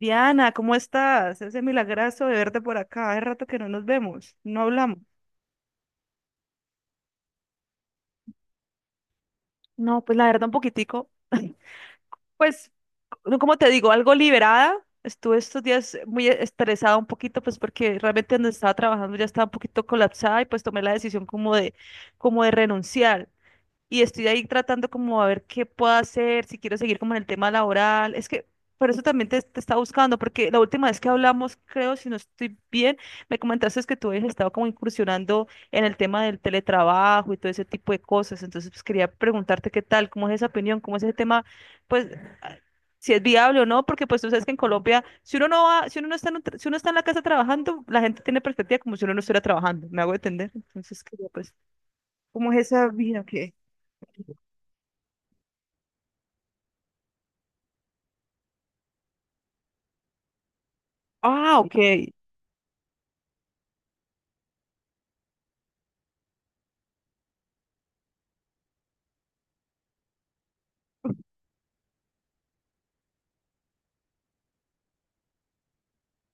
Diana, ¿cómo estás? Ese milagrazo de verte por acá. Hace rato que no nos vemos, no hablamos. No, pues la verdad un poquitico, pues, no, como te digo, algo liberada. Estuve estos días muy estresada un poquito, pues porque realmente donde estaba trabajando ya estaba un poquito colapsada y pues tomé la decisión como de renunciar. Y estoy ahí tratando como a ver qué puedo hacer, si quiero seguir como en el tema laboral. Es que por eso también te estaba buscando, porque la última vez que hablamos, creo, si no estoy bien, me comentaste es que tú habías estado como incursionando en el tema del teletrabajo y todo ese tipo de cosas. Entonces, pues quería preguntarte qué tal, cómo es esa opinión, cómo es ese tema, pues a- si es viable o no, porque pues tú sabes que en Colombia, si uno no está en, si uno está en la casa trabajando, la gente tiene perspectiva como si uno no estuviera trabajando, me hago entender. Entonces, quería pues, ¿cómo es esa vida? ¿Qué? Ah, ok.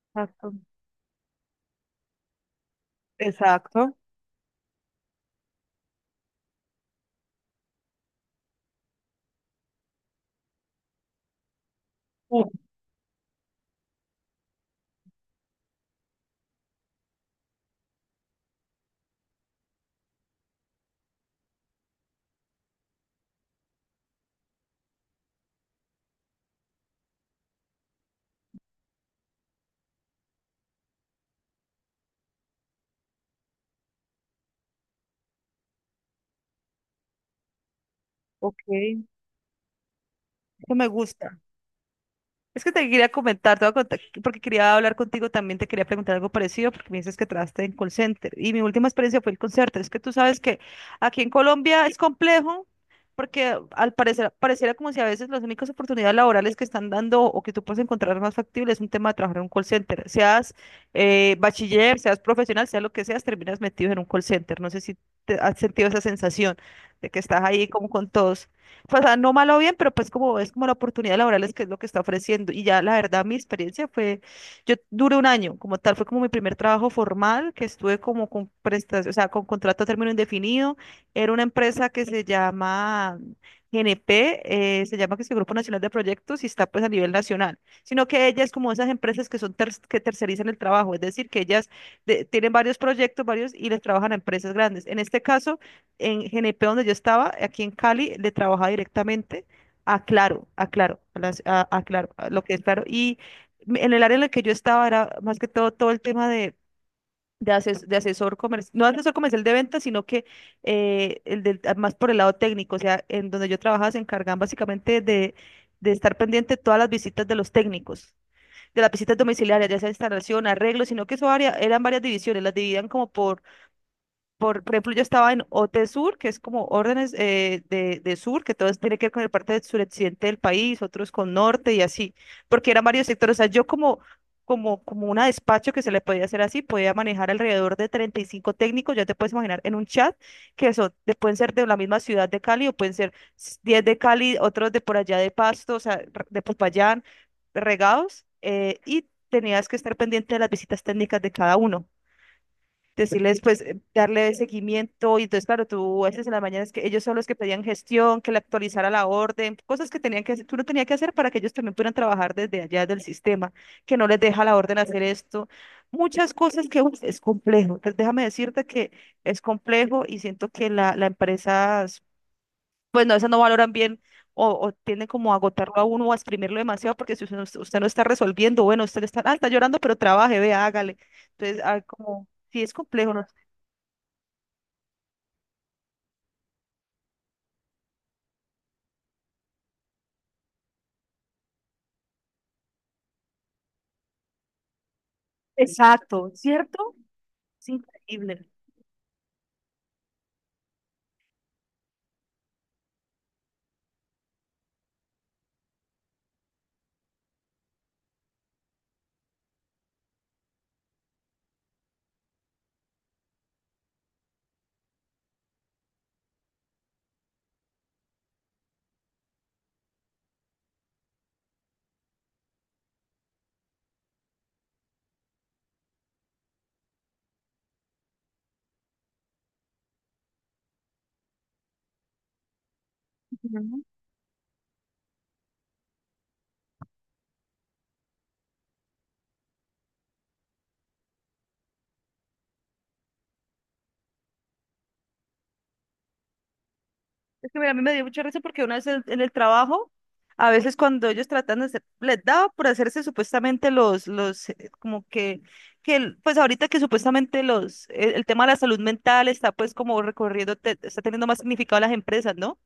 Exacto. Exacto. Uf, ok. Eso me gusta. Es que te quería comentar, te voy a contar, porque quería hablar contigo también, te quería preguntar algo parecido, porque me dices que trabajaste en call center. Y mi última experiencia fue el call center. Es que tú sabes que aquí en Colombia es complejo, porque al parecer, pareciera como si a veces las únicas oportunidades laborales que están dando o que tú puedes encontrar más factible es un tema de trabajar en un call center. Seas bachiller, seas profesional, sea lo que seas, terminas metido en un call center. No sé si te has sentido esa sensación de que estás ahí como con todos pues, o sea, no malo o bien, pero pues como es como la oportunidad laboral es que es lo que está ofreciendo. Y ya la verdad, mi experiencia fue, yo duré un año, como tal, fue como mi primer trabajo formal, que estuve como con prestación, o sea, con contrato a término indefinido. Era una empresa que se llama GNP, se llama que es el Grupo Nacional de Proyectos y está pues a nivel nacional. Sino que ella es como esas empresas que son que tercerizan el trabajo, es decir, que ellas tienen varios proyectos, varios, y les trabajan a empresas grandes. En este caso, en GNP donde yo estaba, aquí en Cali, le trabajaba directamente a Claro, a lo que es Claro. Y en el área en la que yo estaba era más que todo el tema de asesor comercial, no asesor comercial de ventas, sino que más por el lado técnico, o sea, en donde yo trabajaba se encargaban básicamente de estar pendiente de todas las visitas de los técnicos. De las visitas domiciliarias, ya sea instalación, arreglo, sino que eso área, eran varias divisiones, las dividían por ejemplo, yo estaba en OT Sur, que es como órdenes de sur, que todo tiene que ver con el parte del suroccidente del país, otros con norte y así, porque eran varios sectores. O sea, yo como una despacho que se le podía hacer así, podía manejar alrededor de 35 técnicos, ya te puedes imaginar, en un chat, que eso, pueden ser de la misma ciudad de Cali o pueden ser 10 de Cali, otros de por allá de Pasto, o sea, de Popayán, regados, y tenías que estar pendiente de las visitas técnicas de cada uno decirles, pues, darle seguimiento. Y entonces, claro, tú a veces en las mañanas que ellos son los que pedían gestión, que le actualizara la orden, cosas que tenían que hacer, tú no tenías que hacer para que ellos también pudieran trabajar desde allá del sistema, que no les deja la orden hacer esto. Muchas cosas que uy, es complejo. Entonces, déjame decirte que es complejo y siento que la empresa, pues, no, a veces no valoran bien. O tienden como a agotarlo a uno o a exprimirlo demasiado porque si usted no está resolviendo, bueno, usted está, está llorando, pero trabaje, vea, hágale. Entonces, como, sí es complejo, ¿no? Exacto, ¿cierto? Es increíble. Ujú. Es que mira, a mí me dio mucha risa porque una vez en el trabajo, a veces cuando ellos tratan de hacer, les daba por hacerse supuestamente como que, pues ahorita que supuestamente el tema de la salud mental está pues como recorriendo, está teniendo más significado las empresas, ¿no?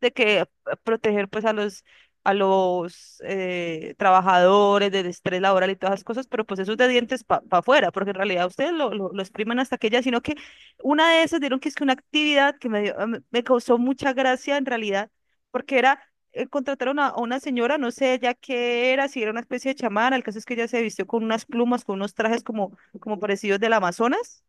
De que proteger pues a los trabajadores del estrés laboral y todas esas cosas, pero pues eso es de dientes para afuera, porque en realidad ustedes lo exprimen hasta que ya, sino que una de esas dieron que es que una actividad que me causó mucha gracia en realidad, porque era contrataron a una señora, no sé ya qué era, si era una especie de chamana, el caso es que ella se vistió con unas plumas, con unos trajes como parecidos del Amazonas.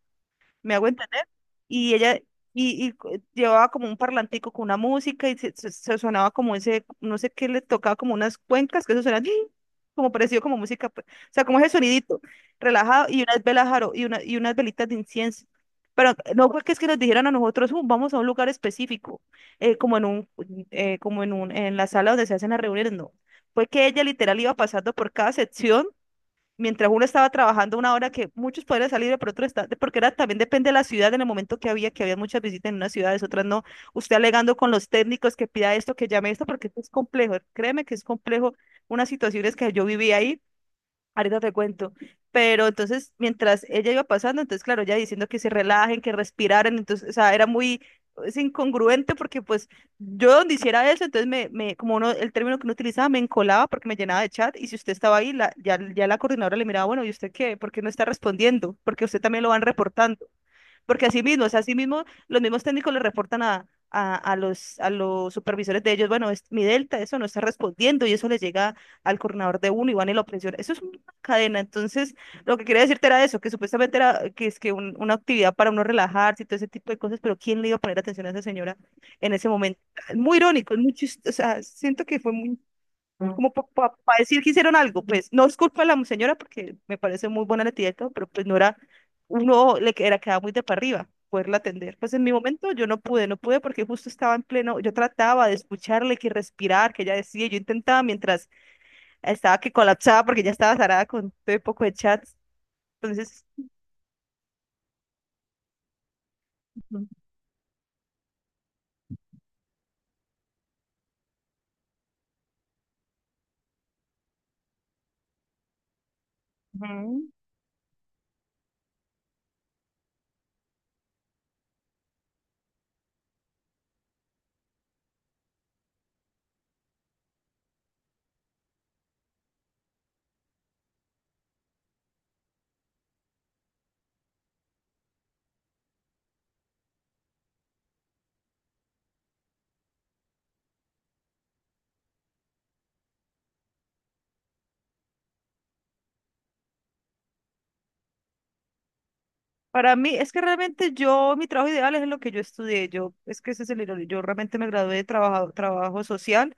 ¿Me hago entender? Y ella, llevaba como un parlantico con una música y se sonaba como ese, no sé qué le tocaba, como unas cuencas, que eso suena como parecido como música, pues, o sea, como ese sonidito, relajado, y unas velas jaro, y unas velitas de incienso. Pero no fue que es que nos dijeran a nosotros: vamos a un lugar específico, eh, como en un, en la sala donde se hacen las reuniones", no. Fue que ella literal iba pasando por cada sección mientras uno estaba trabajando una hora que muchos podrían salir, pero otros está, porque era también depende de la ciudad en el momento que había, muchas visitas en unas ciudades, otras no. Usted alegando con los técnicos que pida esto, que llame esto, porque esto es complejo. Créeme que es complejo unas situaciones que yo viví ahí ahorita te cuento. Pero entonces, mientras ella iba pasando, entonces, claro, ella diciendo que se relajen, que respiraran, entonces, o sea, era muy es incongruente porque, pues, yo donde hiciera eso, entonces, como uno, el término que uno utilizaba, me encolaba porque me llenaba de chat, y si usted estaba ahí, ya la coordinadora le miraba, bueno, ¿y usted qué? ¿Por qué no está respondiendo? Porque usted también lo van reportando porque así mismo, o sea, así mismo los mismos técnicos le reportan a los supervisores de ellos, bueno, es, mi delta, eso no está respondiendo y eso le llega al coordinador de uno y van y lo presiona. Eso es una cadena. Entonces, lo que quería decirte era eso, que supuestamente era que es que una actividad para uno relajarse y todo ese tipo de cosas, pero ¿quién le iba a poner atención a esa señora en ese momento? Muy irónico, es muy o sea, siento que fue muy como para decir que hicieron algo, pues no es culpa de la señora porque me parece muy buena la tía y todo, pero pues no era, uno le que- era quedaba muy de para arriba poderla atender. Pues en mi momento yo no pude, no pude porque justo estaba en pleno, yo trataba de escucharle, que respirar, que ella decía, yo intentaba mientras estaba que colapsaba porque ya estaba zarada con todo el poco de chats. Entonces, ujú. Para mí, es que realmente yo, mi trabajo ideal es lo que yo estudié. Yo, es que ese es el error. Yo realmente me gradué de trabajo social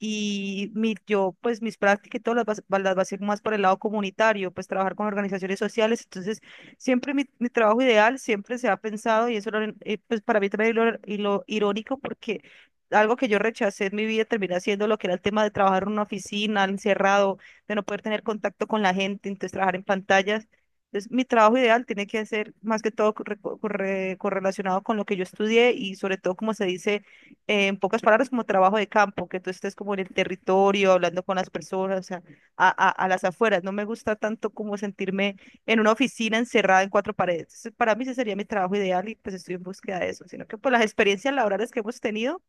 y pues mis prácticas y todo las basé más por el lado comunitario, pues trabajar con organizaciones sociales. Entonces, siempre mi trabajo ideal siempre se ha pensado y eso era, pues para mí también y lo irónico porque algo que yo rechacé en mi vida termina siendo lo que era el tema de trabajar en una oficina, encerrado, de no poder tener contacto con la gente, entonces trabajar en pantallas. Entonces, mi trabajo ideal tiene que ser más que todo correlacionado con lo que yo estudié y sobre todo, como se dice en pocas palabras, como trabajo de campo, que tú estés como en el territorio, hablando con las personas, o sea, a las afueras. No me gusta tanto como sentirme en una oficina encerrada en cuatro paredes. Entonces, para mí ese sería mi trabajo ideal y pues estoy en búsqueda de eso, sino que por las experiencias laborales que hemos tenido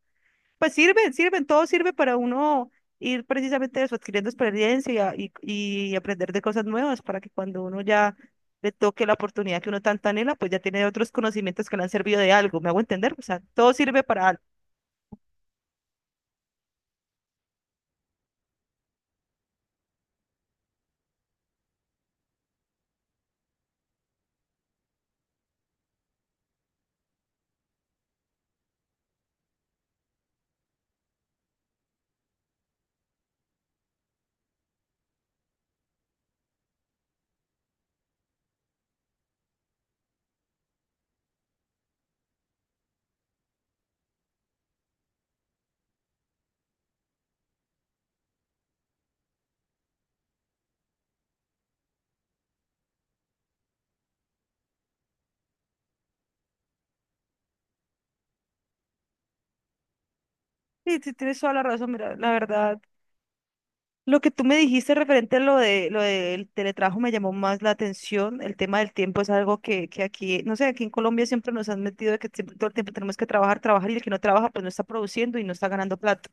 pues sirve, sirven, todo sirve para uno ir precisamente eso, adquiriendo experiencia y aprender de cosas nuevas para que cuando uno ya le toque la oportunidad que uno tanto anhela, pues ya tiene otros conocimientos que le han servido de algo, ¿me hago entender? O sea, todo sirve para algo. Sí, sí, tienes toda la razón, mira, la verdad, lo que tú me dijiste referente a lo de lo del teletrabajo me llamó más la atención, el tema del tiempo es algo que aquí, no sé, aquí en Colombia siempre nos han metido de que todo el tiempo tenemos que trabajar, trabajar y el que no trabaja pues no está produciendo y no está ganando plata.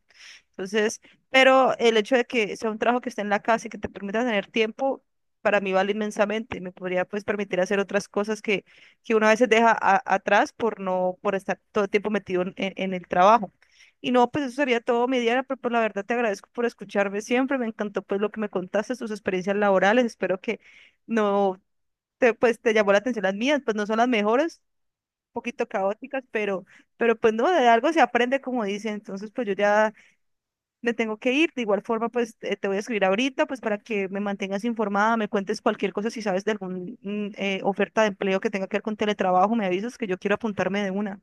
Entonces, pero el hecho de que sea un trabajo que esté en la casa y que te permita tener tiempo, para mí vale inmensamente. Me podría pues permitir hacer otras cosas que uno a veces deja atrás por no, por estar todo el tiempo metido en el trabajo. Y no, pues eso sería todo mi día, pero pues la verdad te agradezco por escucharme siempre. Me encantó pues lo que me contaste, tus experiencias laborales. Espero que no te, pues te llamó la atención las mías, pues no son las mejores, un poquito caóticas, pero, pues no, de algo se aprende como dicen. Entonces, pues yo ya me tengo que ir. De igual forma, pues te voy a escribir ahorita, pues para que me mantengas informada, me cuentes cualquier cosa, si sabes de alguna oferta de empleo que tenga que ver con teletrabajo, me avisas que yo quiero apuntarme de una.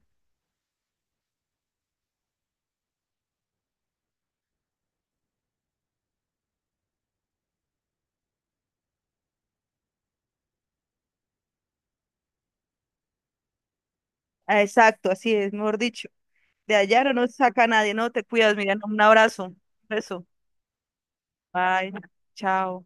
Ah, exacto, así es, mejor dicho. De allá no nos saca nadie, no te cuidas, Miriam. Un abrazo. Un beso. Bye. Chao.